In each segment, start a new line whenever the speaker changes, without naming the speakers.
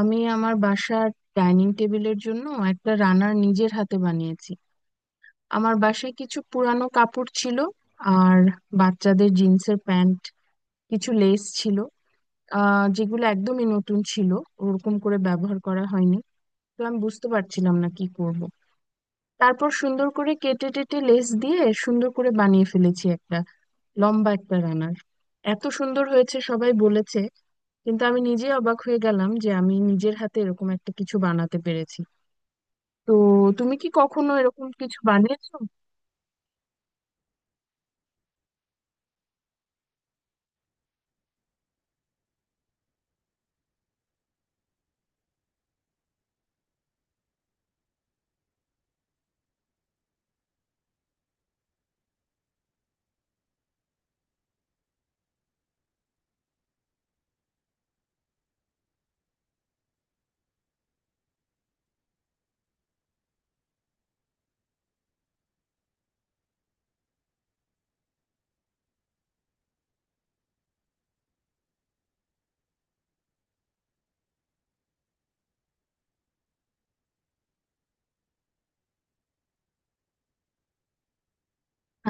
আমি আমার বাসার ডাইনিং টেবিলের জন্য একটা রানার নিজের হাতে বানিয়েছি। আমার বাসায় কিছু পুরানো কাপড় ছিল, আর বাচ্চাদের জিন্সের প্যান্ট, কিছু লেস ছিল যেগুলো একদমই নতুন ছিল, ওরকম করে ব্যবহার করা হয়নি। তো আমি বুঝতে পারছিলাম না কি করব। তারপর সুন্দর করে কেটে টেটে লেস দিয়ে সুন্দর করে বানিয়ে ফেলেছি একটা লম্বা একটা রানার। এত সুন্দর হয়েছে, সবাই বলেছে। কিন্তু আমি নিজে অবাক হয়ে গেলাম যে আমি নিজের হাতে এরকম একটা কিছু বানাতে পেরেছি। তো তুমি কি কখনো এরকম কিছু বানিয়েছো?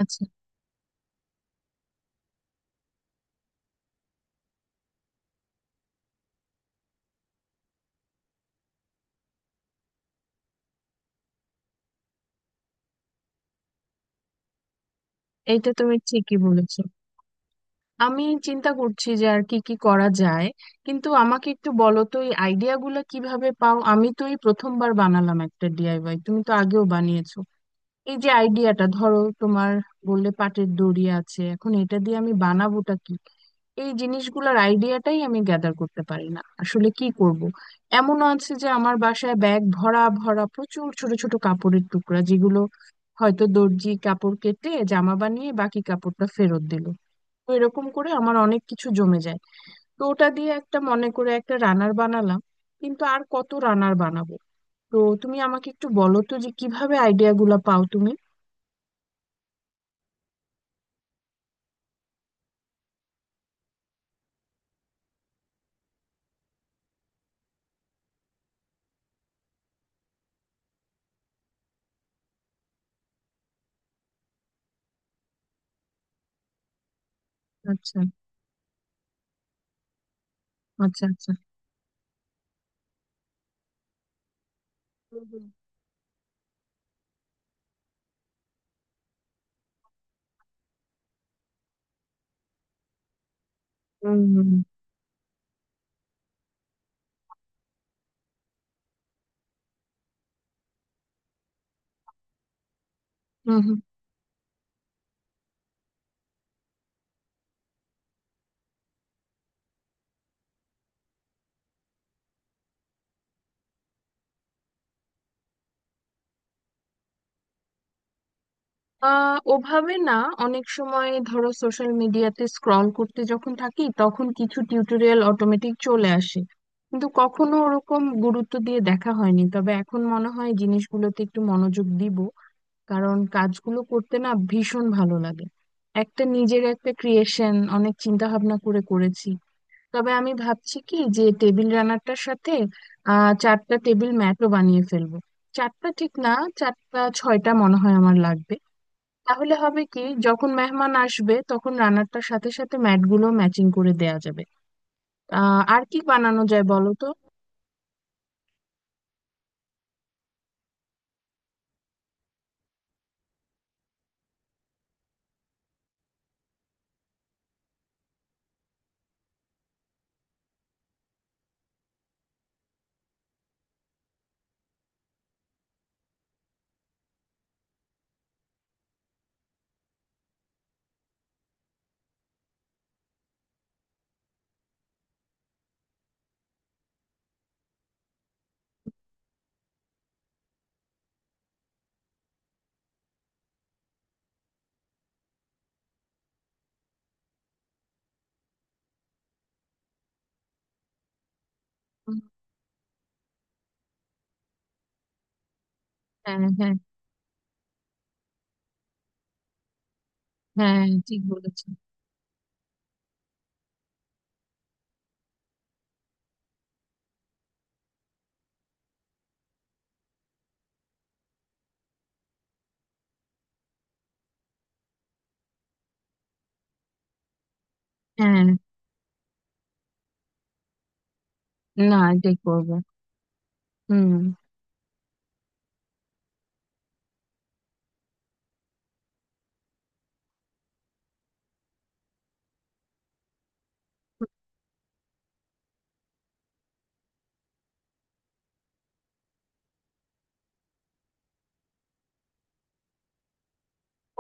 আচ্ছা, এইটা তুমি ঠিকই বলেছো। আমি চিন্তা করছি যে আর কি কি করা যায়, কিন্তু আমাকে একটু বলো তো, এই আইডিয়া গুলা কিভাবে পাও? আমি তো এই প্রথমবার বানালাম একটা ডিআইওয়াই, তুমি তো আগেও বানিয়েছো। এই যে আইডিয়াটা ধরো তোমার, বললে পাটের দড়ি আছে, এখন এটা দিয়ে আমি বানাবোটা কি? এই জিনিসগুলোর আইডিয়াটাই আমি গ্যাদার করতে পারি না, আসলে কি করব। এমনও আছে যে আমার বাসায় ব্যাগ ভরা ভরা প্রচুর ছোট ছোট কাপড়ের টুকরা, যেগুলো হয়তো দর্জি কাপড় কেটে জামা বানিয়ে বাকি কাপড়টা ফেরত দিল। তো এরকম করে আমার অনেক কিছু জমে যায়। তো ওটা দিয়ে একটা মনে করে একটা রানার বানালাম, কিন্তু আর কত রানার বানাবো? তো তুমি আমাকে একটু বলো তো যে কিভাবে আইডিয়া গুলা পাও তুমি। আচ্ছা, আচ্ছা আচ্ছা। হুম হুম। হুম হুম। হুম হুম। ওভাবে না, অনেক সময় ধরো সোশ্যাল মিডিয়াতে স্ক্রল করতে যখন থাকি তখন কিছু টিউটোরিয়াল অটোমেটিক চলে আসে, কিন্তু কখনো ওরকম গুরুত্ব দিয়ে দেখা হয়নি। তবে এখন মনে হয় জিনিসগুলোতে একটু মনোযোগ দিব, কারণ কাজগুলো করতে না ভীষণ ভালো লাগে। একটা নিজের একটা ক্রিয়েশন অনেক চিন্তা ভাবনা করে করেছি। তবে আমি ভাবছি কি যে টেবিল রানারটার সাথে চারটা টেবিল ম্যাটও বানিয়ে ফেলবো। চারটা ঠিক না, চারটা ছয়টা মনে হয় আমার লাগবে। তাহলে হবে কি, যখন মেহমান আসবে তখন রানারটার সাথে সাথে ম্যাটগুলো ম্যাচিং করে দেয়া যাবে। আর কি বানানো যায় বলো তো? উম, হ্যাঁ হ্যাঁ হ্যাঁ, ঠিক বলেছো। হ্যাঁ, না এটাই করবো। হুম।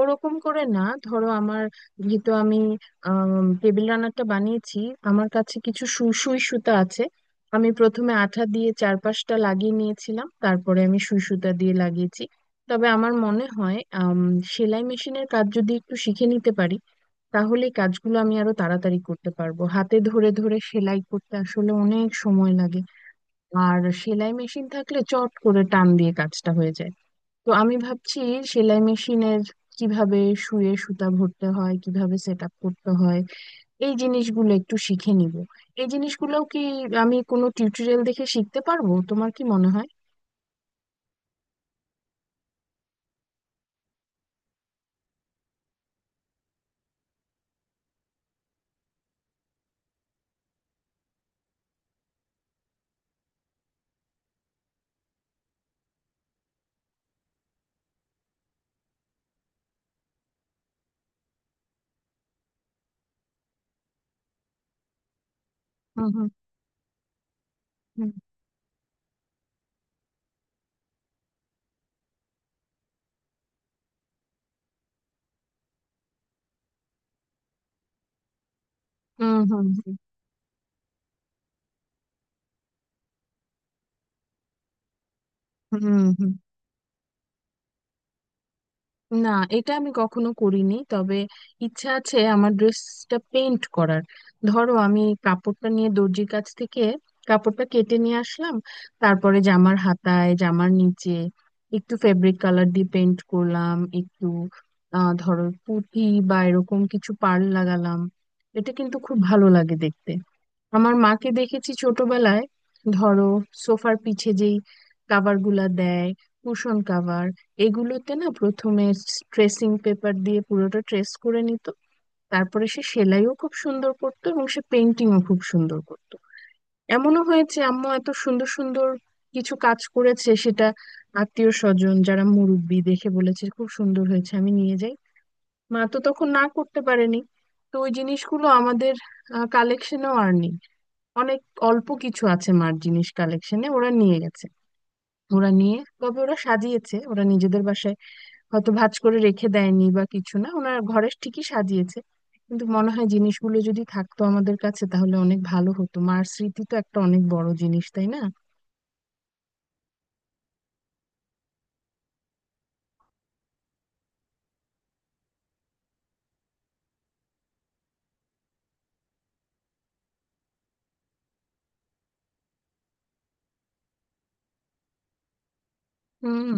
ওরকম করে না, ধরো আমার, যেহেতু আমি টেবিল রানারটা বানিয়েছি, আমার কাছে কিছু সুই সুই সুতা আছে। আমি প্রথমে আঠা দিয়ে চারপাশটা লাগিয়ে নিয়েছিলাম, তারপরে আমি সুই সুতা দিয়ে লাগিয়েছি। তবে আমার মনে হয় সেলাই মেশিনের কাজ যদি একটু শিখে নিতে পারি, তাহলে এই কাজগুলো আমি আরো তাড়াতাড়ি করতে পারবো। হাতে ধরে ধরে সেলাই করতে আসলে অনেক সময় লাগে, আর সেলাই মেশিন থাকলে চট করে টান দিয়ে কাজটা হয়ে যায়। তো আমি ভাবছি সেলাই মেশিনের কিভাবে শুয়ে সুতা ভরতে হয়, কিভাবে সেট আপ করতে হয়, এই জিনিসগুলো একটু শিখে নিব। এই জিনিসগুলোও কি আমি কোনো টিউটোরিয়াল দেখে শিখতে পারবো, তোমার কি মনে হয়? হুম হুম। হুম হুম। হুম হুম। হুম হুম। না, এটা আমি কখনো করিনি। তবে ইচ্ছা আছে আমার ড্রেসটা পেইন্ট করার। ধরো আমি কাপড়টা নিয়ে দর্জির কাছ থেকে কাপড়টা কেটে নিয়ে আসলাম, তারপরে জামার হাতায় জামার নিচে একটু ফেব্রিক কালার দিয়ে পেইন্ট করলাম একটু, ধরো পুঁতি বা এরকম কিছু পাড় লাগালাম। এটা কিন্তু খুব ভালো লাগে দেখতে। আমার মাকে দেখেছি ছোটবেলায়, ধরো সোফার পিছে যেই কাভার গুলা দেয়, কুশন কাভার, এগুলোতে না প্রথমে ট্রেসিং পেপার দিয়ে পুরোটা ট্রেস করে নিত। তারপরে সে সেলাইও খুব সুন্দর করতো, এবং সে পেন্টিংও খুব সুন্দর করতো। এমনও হয়েছে আম্মু এত সুন্দর সুন্দর কিছু কাজ করেছে, সেটা আত্মীয় স্বজন যারা মুরব্বি দেখে বলেছে খুব সুন্দর হয়েছে আমি নিয়ে যাই, মা তো তখন না করতে পারেনি। তো ওই জিনিসগুলো আমাদের কালেকশনেও আর নেই। অনেক অল্প কিছু আছে, মার জিনিস কালেকশনে ওরা নিয়ে গেছে। ওরা নিয়ে তবে ওরা সাজিয়েছে ওরা নিজেদের বাসায়, হয়তো ভাঁজ করে রেখে দেয়নি বা কিছু না, ওনার ঘরে ঠিকই সাজিয়েছে। কিন্তু মনে হয় জিনিসগুলো যদি থাকতো আমাদের কাছে তাহলে অনেক ভালো হতো, মার স্মৃতি তো একটা অনেক বড় জিনিস, তাই না? হুম।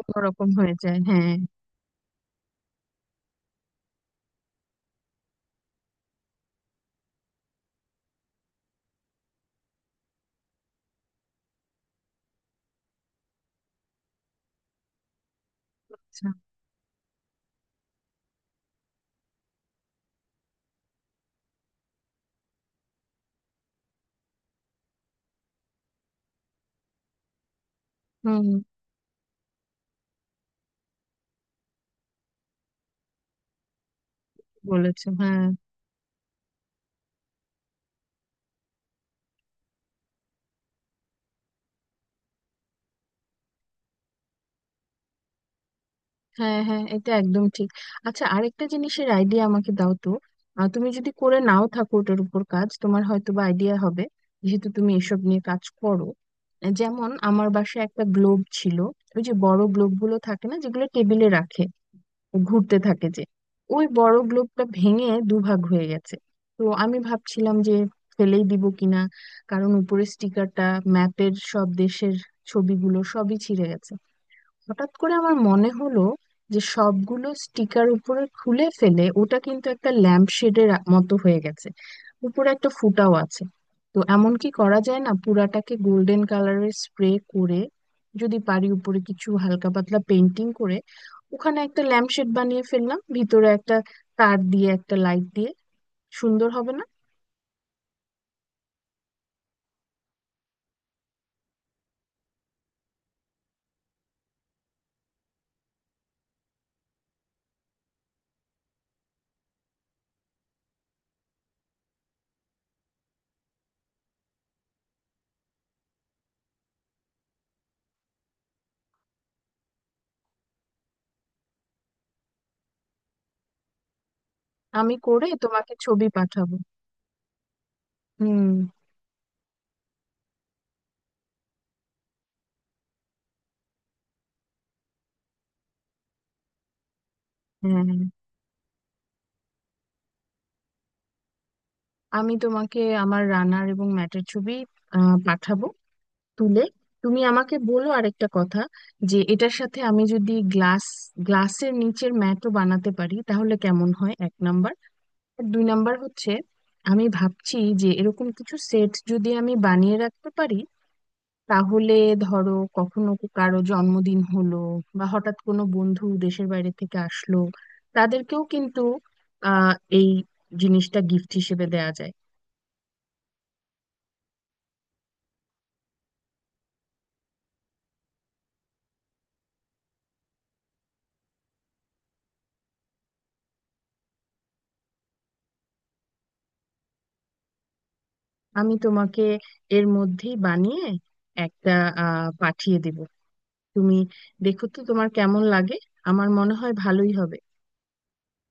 অন্যরকম হয়ে যায়, হ্যাঁ। আচ্ছা। হুম। বলেছো, হ্যাঁ হ্যাঁ। হ্যাঁ, এটা একদম ঠিক। আচ্ছা, আরেকটা জিনিসের আইডিয়া আমাকে দাও তো। তুমি যদি করে নাও থাকো ওটার উপর কাজ, তোমার হয়তো বা আইডিয়া হবে, যেহেতু তুমি এসব নিয়ে কাজ করো। যেমন আমার বাসায় একটা গ্লোব ছিল। ওই যে বড় গ্লোব গুলো থাকে না, যেগুলো টেবিলে রাখে, ঘুরতে থাকে যে, ওই বড় গ্লোবটা ভেঙে দুভাগ হয়ে গেছে। তো আমি ভাবছিলাম যে ফেলেই দিব কিনা, কারণ উপরে স্টিকারটা, ম্যাপের সব দেশের ছবিগুলো সবই ছিঁড়ে গেছে। হঠাৎ করে আমার মনে হলো যে সবগুলো স্টিকার উপরে খুলে ফেলে ওটা কিন্তু একটা ল্যাম্প শেডের মতো হয়ে গেছে, উপরে একটা ফুটাও আছে। তো এমন কি করা যায় না, পুরাটাকে গোল্ডেন কালারের স্প্রে করে, যদি পারি উপরে কিছু হালকা পাতলা পেন্টিং করে, ওখানে একটা ল্যাম্প শেড বানিয়ে ফেললাম, ভিতরে একটা তার দিয়ে একটা লাইট দিয়ে। সুন্দর হবে না? আমি করে তোমাকে ছবি পাঠাবো। হুম। হ্যাঁ হ্যাঁ। আমি তোমাকে আমার রানার এবং ম্যাটের ছবি পাঠাবো তুলে। তুমি আমাকে বলো আরেকটা কথা, যে এটার সাথে আমি যদি গ্লাস, গ্লাসের নিচের ম্যাটও বানাতে পারি তাহলে কেমন হয়, এক নাম্বার। আর দুই নাম্বার হচ্ছে, আমি ভাবছি যে এরকম কিছু সেট যদি আমি বানিয়ে রাখতে পারি, তাহলে, ধরো, কখনো কারো জন্মদিন হলো বা হঠাৎ কোনো বন্ধু দেশের বাইরে থেকে আসলো, তাদেরকেও কিন্তু আহ এই জিনিসটা গিফট হিসেবে দেওয়া যায়। আমি তোমাকে এর মধ্যেই বানিয়ে একটা পাঠিয়ে দেব। তুমি দেখো তো তোমার কেমন লাগে, আমার মনে হয় ভালোই হবে।